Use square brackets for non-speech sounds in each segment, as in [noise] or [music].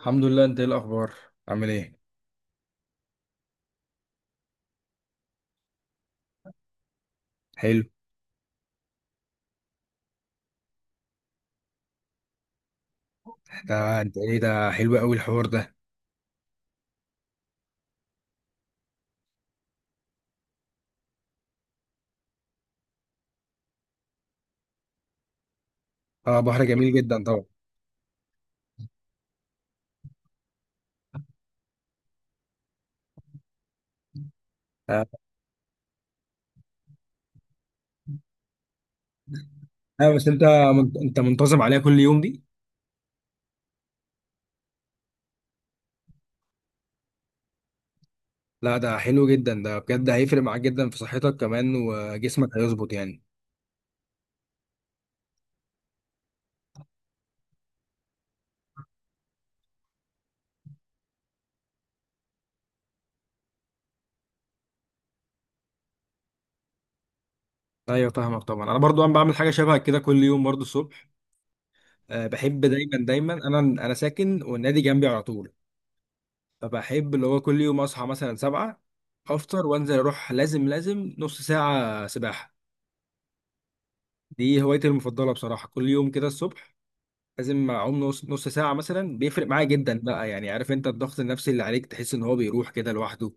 الحمد لله. انت ايه الاخبار؟ عامل ايه؟ حلو. ده انت ايه ده؟ حلو قوي الحوار ده. اه، بحر جميل جدا طبعا. اه. بس انت انت منتظم عليها كل يوم دي؟ لا، ده حلو جدا ده، بجد هيفرق معاك جدا في صحتك، كمان وجسمك هيظبط يعني. ايوه فاهمك طبعا، انا برضو انا بعمل حاجه شبه كده كل يوم برضو الصبح. أه بحب دايما انا ساكن والنادي جنبي على طول، فبحب اللي هو كل يوم اصحى مثلا 7، افطر وانزل اروح، لازم نص ساعه سباحه. دي هوايتي المفضلة بصراحة، كل يوم كده الصبح لازم أعوم نص ساعة مثلا، بيفرق معايا جدا بقى، يعني عارف أنت الضغط النفسي اللي عليك، تحس إن هو بيروح كده لوحده.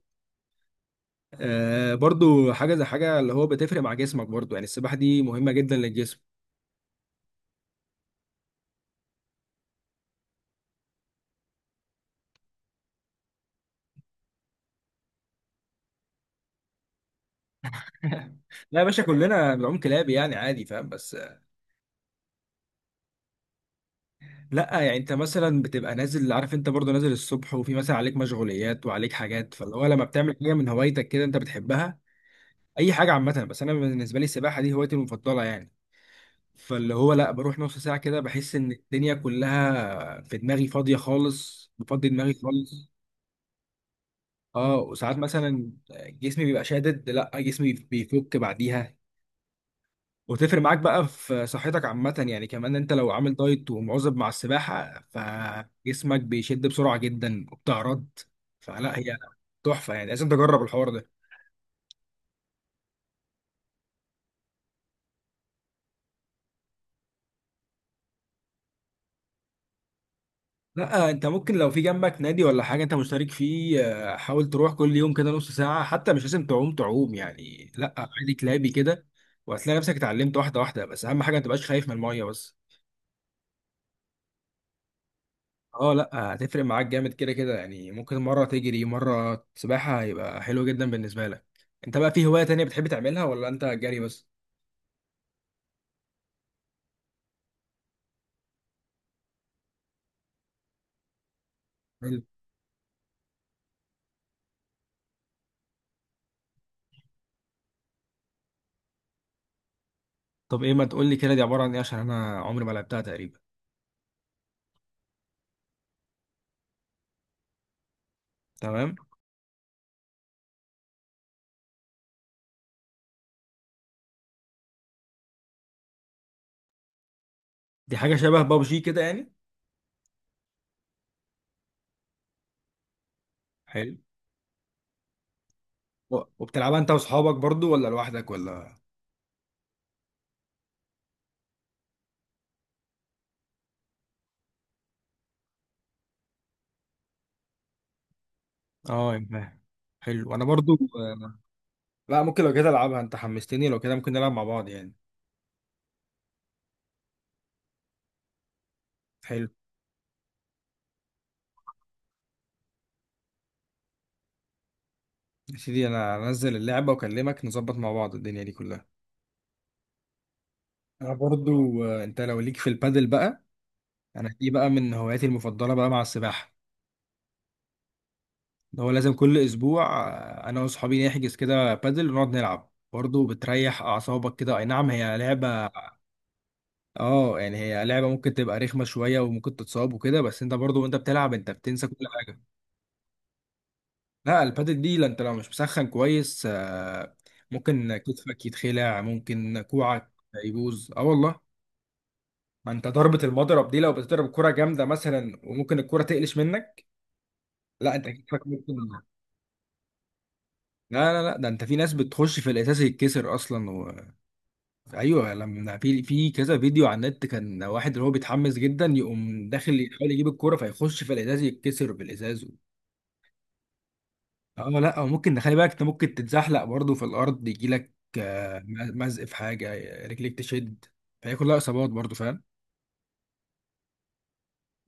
آه برضو حاجة زي حاجة اللي هو بتفرق مع جسمك برضو، يعني السباحة دي مهمة جدا للجسم. [laughs] لا يا باشا، كلنا بنعوم كلاب يعني عادي، فاهم؟ بس لا يعني أنت مثلا بتبقى نازل، عارف أنت برضو نازل الصبح وفي مثلا عليك مشغوليات وعليك حاجات، فاللي هو لما بتعمل حاجة من هوايتك كده أنت بتحبها. أي حاجة عامة، بس أنا بالنسبة لي السباحة دي هوايتي المفضلة يعني، فاللي هو لا بروح نص ساعة كده بحس إن الدنيا كلها في دماغي فاضية خالص، بفضي دماغي خالص. اه وساعات مثلا جسمي بيبقى شادد، لا جسمي بيفك بعديها، وتفرق معاك بقى في صحتك عامة يعني، كمان انت لو عامل دايت ومواظب مع السباحة فجسمك بيشد بسرعة جدا وبتعرض. فلا هي تحفة يعني، لازم تجرب الحوار ده. لا انت ممكن لو في جنبك نادي ولا حاجه انت مشترك فيه، حاول تروح كل يوم كده نص ساعه، حتى مش لازم تعوم تعوم يعني، لا عادي كلابي كده، وهتلاقي نفسك اتعلمت واحده واحده، بس اهم حاجه ما تبقاش خايف من الميه بس. اه لا، هتفرق معاك جامد كده كده يعني، ممكن مره تجري مره سباحه، هيبقى حلو جدا بالنسبه لك. انت بقى في هوايه تانية بتحب تعملها ولا انت جري بس؟ حلو. طب ايه، ما تقول لي كده، دي عباره عن ايه؟ عشان انا عمري ما لعبتها تقريبا. تمام. دي حاجه شبه بابجي كده يعني؟ حلو. وبتلعبها انت واصحابك برضو ولا لوحدك ولا؟ اه يا فاهم. حلو. انا برضو آه، لا ممكن لو كده العبها، انت حمستني، لو كده ممكن نلعب مع بعض يعني. حلو. يا سيدي انا انزل اللعبة واكلمك، نظبط مع بعض الدنيا دي كلها. انا برضو انت لو ليك في البادل بقى، انا دي بقى من هواياتي المفضلة بقى مع السباحة، اللي هو لازم كل اسبوع انا واصحابي نحجز كده بادل ونقعد نلعب، برضو بتريح اعصابك كده، اي نعم هي لعبة. اه يعني هي لعبه ممكن تبقى رخمه شويه وممكن تتصاب وكده، بس انت برضو وانت بتلعب انت بتنسى كل حاجه. لا البادل دي، لا انت لو مش مسخن كويس ممكن كتفك يتخلع، ممكن كوعك يبوظ، اه والله. ما انت ضربه المضرب دي لو بتضرب كره جامده مثلا، وممكن الكره تقلش منك، لا انت كتفك ممكن. لا ده انت في ناس بتخش في الاساس يتكسر اصلا و... ايوه لما في كذا فيديو على النت، كان واحد اللي هو بيتحمس جدا، يقوم داخل يحاول يجيب الكوره فيخش في الازاز، يتكسر في الازاز. اه لا، أو ممكن خلي بالك انت، ممكن تتزحلق برضه في الارض، يجي لك مزق في حاجه، رجليك تشد، فهي كلها اصابات برضه، فاهم؟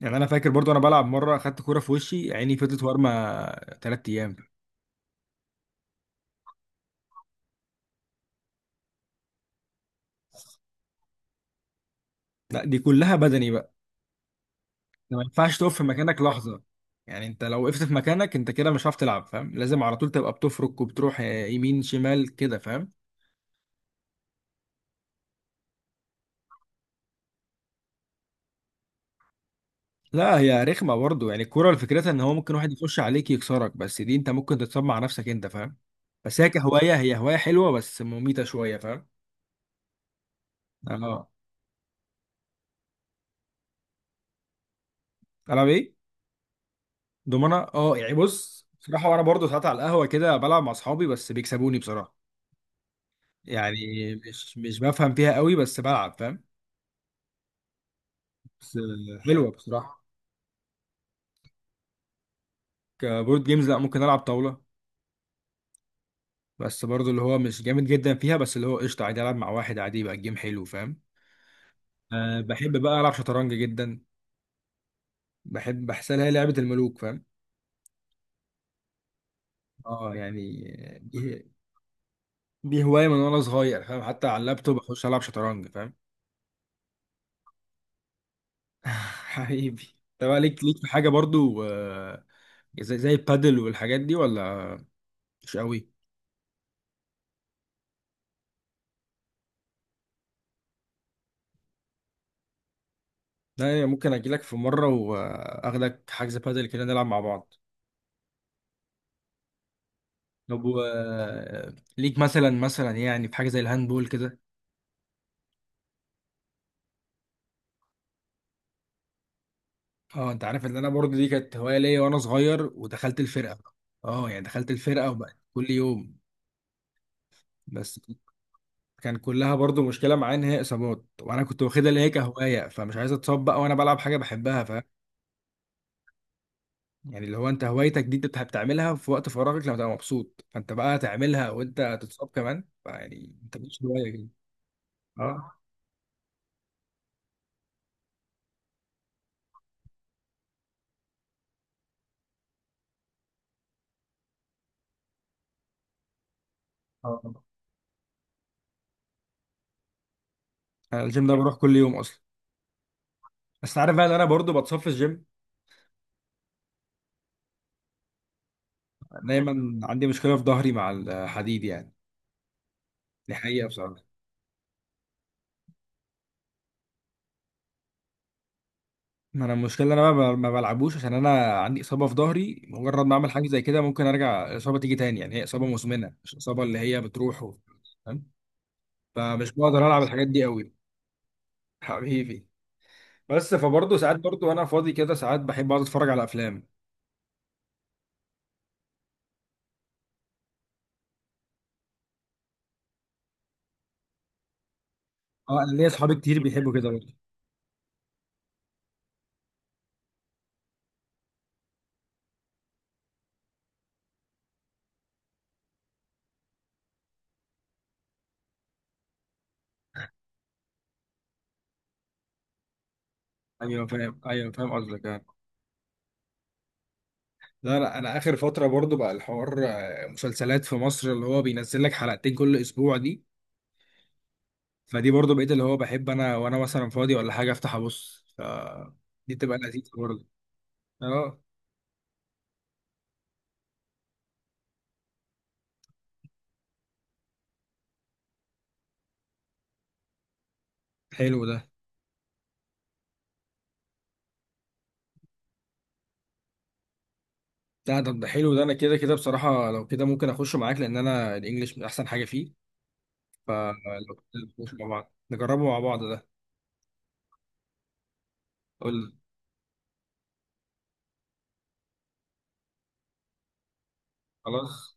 يعني انا فاكر برضه انا بلعب مره، اخدت كوره في وشي، عيني فضلت وارمه 3 ايام. لا دي كلها بدني بقى. انت ما ينفعش تقف في مكانك لحظه يعني، انت لو وقفت في مكانك انت كده مش هتعرف تلعب، فاهم؟ لازم على طول تبقى بتفرك وبتروح يمين شمال كده، فاهم؟ لا هي رخمه برضه يعني، الكوره فكرتها ان هو ممكن واحد يخش عليك يكسرك، بس دي انت ممكن تتصاب مع نفسك انت، فاهم؟ بس هي كهوايه، هي هوايه حلوه بس مميته شويه، فاهم؟ يعني اه. العب ايه؟ دومنا، اه يعني بص بصراحه، وانا برضه ساعات على القهوه كده بلعب مع اصحابي، بس بيكسبوني بصراحه يعني. مش بفهم فيها قوي، بس بلعب فاهم. بس حلوه بصراحه. كبورد جيمز، لا، ممكن العب طاوله، بس برضه اللي هو مش جامد جدا فيها، بس اللي هو قشطه عادي، العب مع واحد عادي يبقى الجيم حلو، فاهم؟ أه بحب بقى العب شطرنج جدا، بحب بحسها هي لعبة الملوك، فاهم؟ اه يعني دي دي هواية من وانا صغير، فاهم؟ حتى على اللابتوب اخش العب شطرنج، فاهم؟ [laughs] حبيبي. طب ليك في حاجة برضو زي البادل والحاجات دي ولا؟ مش قوي. لا يعني ممكن اجي لك في مرة واخدك حجز بادل كده نلعب مع بعض. طب و ليك مثلا، يعني في حاجة زي الهاندبول كده؟ اه، انت عارف ان انا برضو دي كانت هواية ليا وانا صغير، ودخلت الفرقة. اه يعني دخلت الفرقة وبقت كل يوم، بس كان كلها برضو مشكله معايا ان هي اصابات، وانا كنت واخدها اللي هي كهوايه، فمش عايز اتصاب بقى وانا بلعب حاجه بحبها، فاهم؟ يعني اللي هو انت هوايتك دي انت بتعملها في وقت فراغك لما تبقى مبسوط، فانت بقى تعملها وانت تتصاب كمان، فيعني انت مش هوايه كده. اه اه، انا الجيم ده بروح كل يوم اصلا، بس عارف بقى ان انا برضو بتصاب في الجيم. دايما عندي مشكله في ظهري مع الحديد يعني، دي حقيقه بصراحه. ما انا المشكله ان انا بقى ما بلعبوش، عشان انا عندي اصابه في ظهري، مجرد ما اعمل حاجه زي كده ممكن ارجع الاصابه تيجي تاني، يعني هي اصابه مزمنه مش اصابه اللي هي بتروح و... فاهم؟ فمش بقدر العب الحاجات دي قوي. [laughs] حبيبي. بس فبرضه ساعات برضه وانا فاضي كده، ساعات بحب اقعد اتفرج على افلام. اه انا ليا اصحابي كتير بيحبوا كده برضه. ايوه فاهم، ايوه فاهم قصدك يعني. لا انا اخر فتره برضه بقى الحوار مسلسلات في مصر اللي هو بينزل لك حلقتين كل اسبوع دي، فدي برضو بقيت اللي هو بحب انا وانا مثلا فاضي ولا حاجه افتح ابص ف، دي بتبقى لذيذه برضو. اه، حلو ده. لا ده ده حلو ده، انا كده كده بصراحه، لو كده ممكن اخش معاك، لان انا الانجليش من احسن حاجه فيه، فلو كده نخش مع بعض نجربه مع بعض ده. قول لي. خلاص.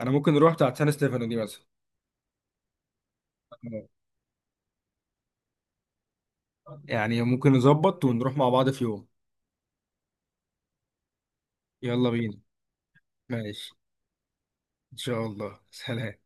انا ممكن نروح بتاعت سان ستيفانو دي مثلا، يعني ممكن نظبط ونروح مع بعض في يوم. يلا بينا. ماشي. ان شاء الله، سلام.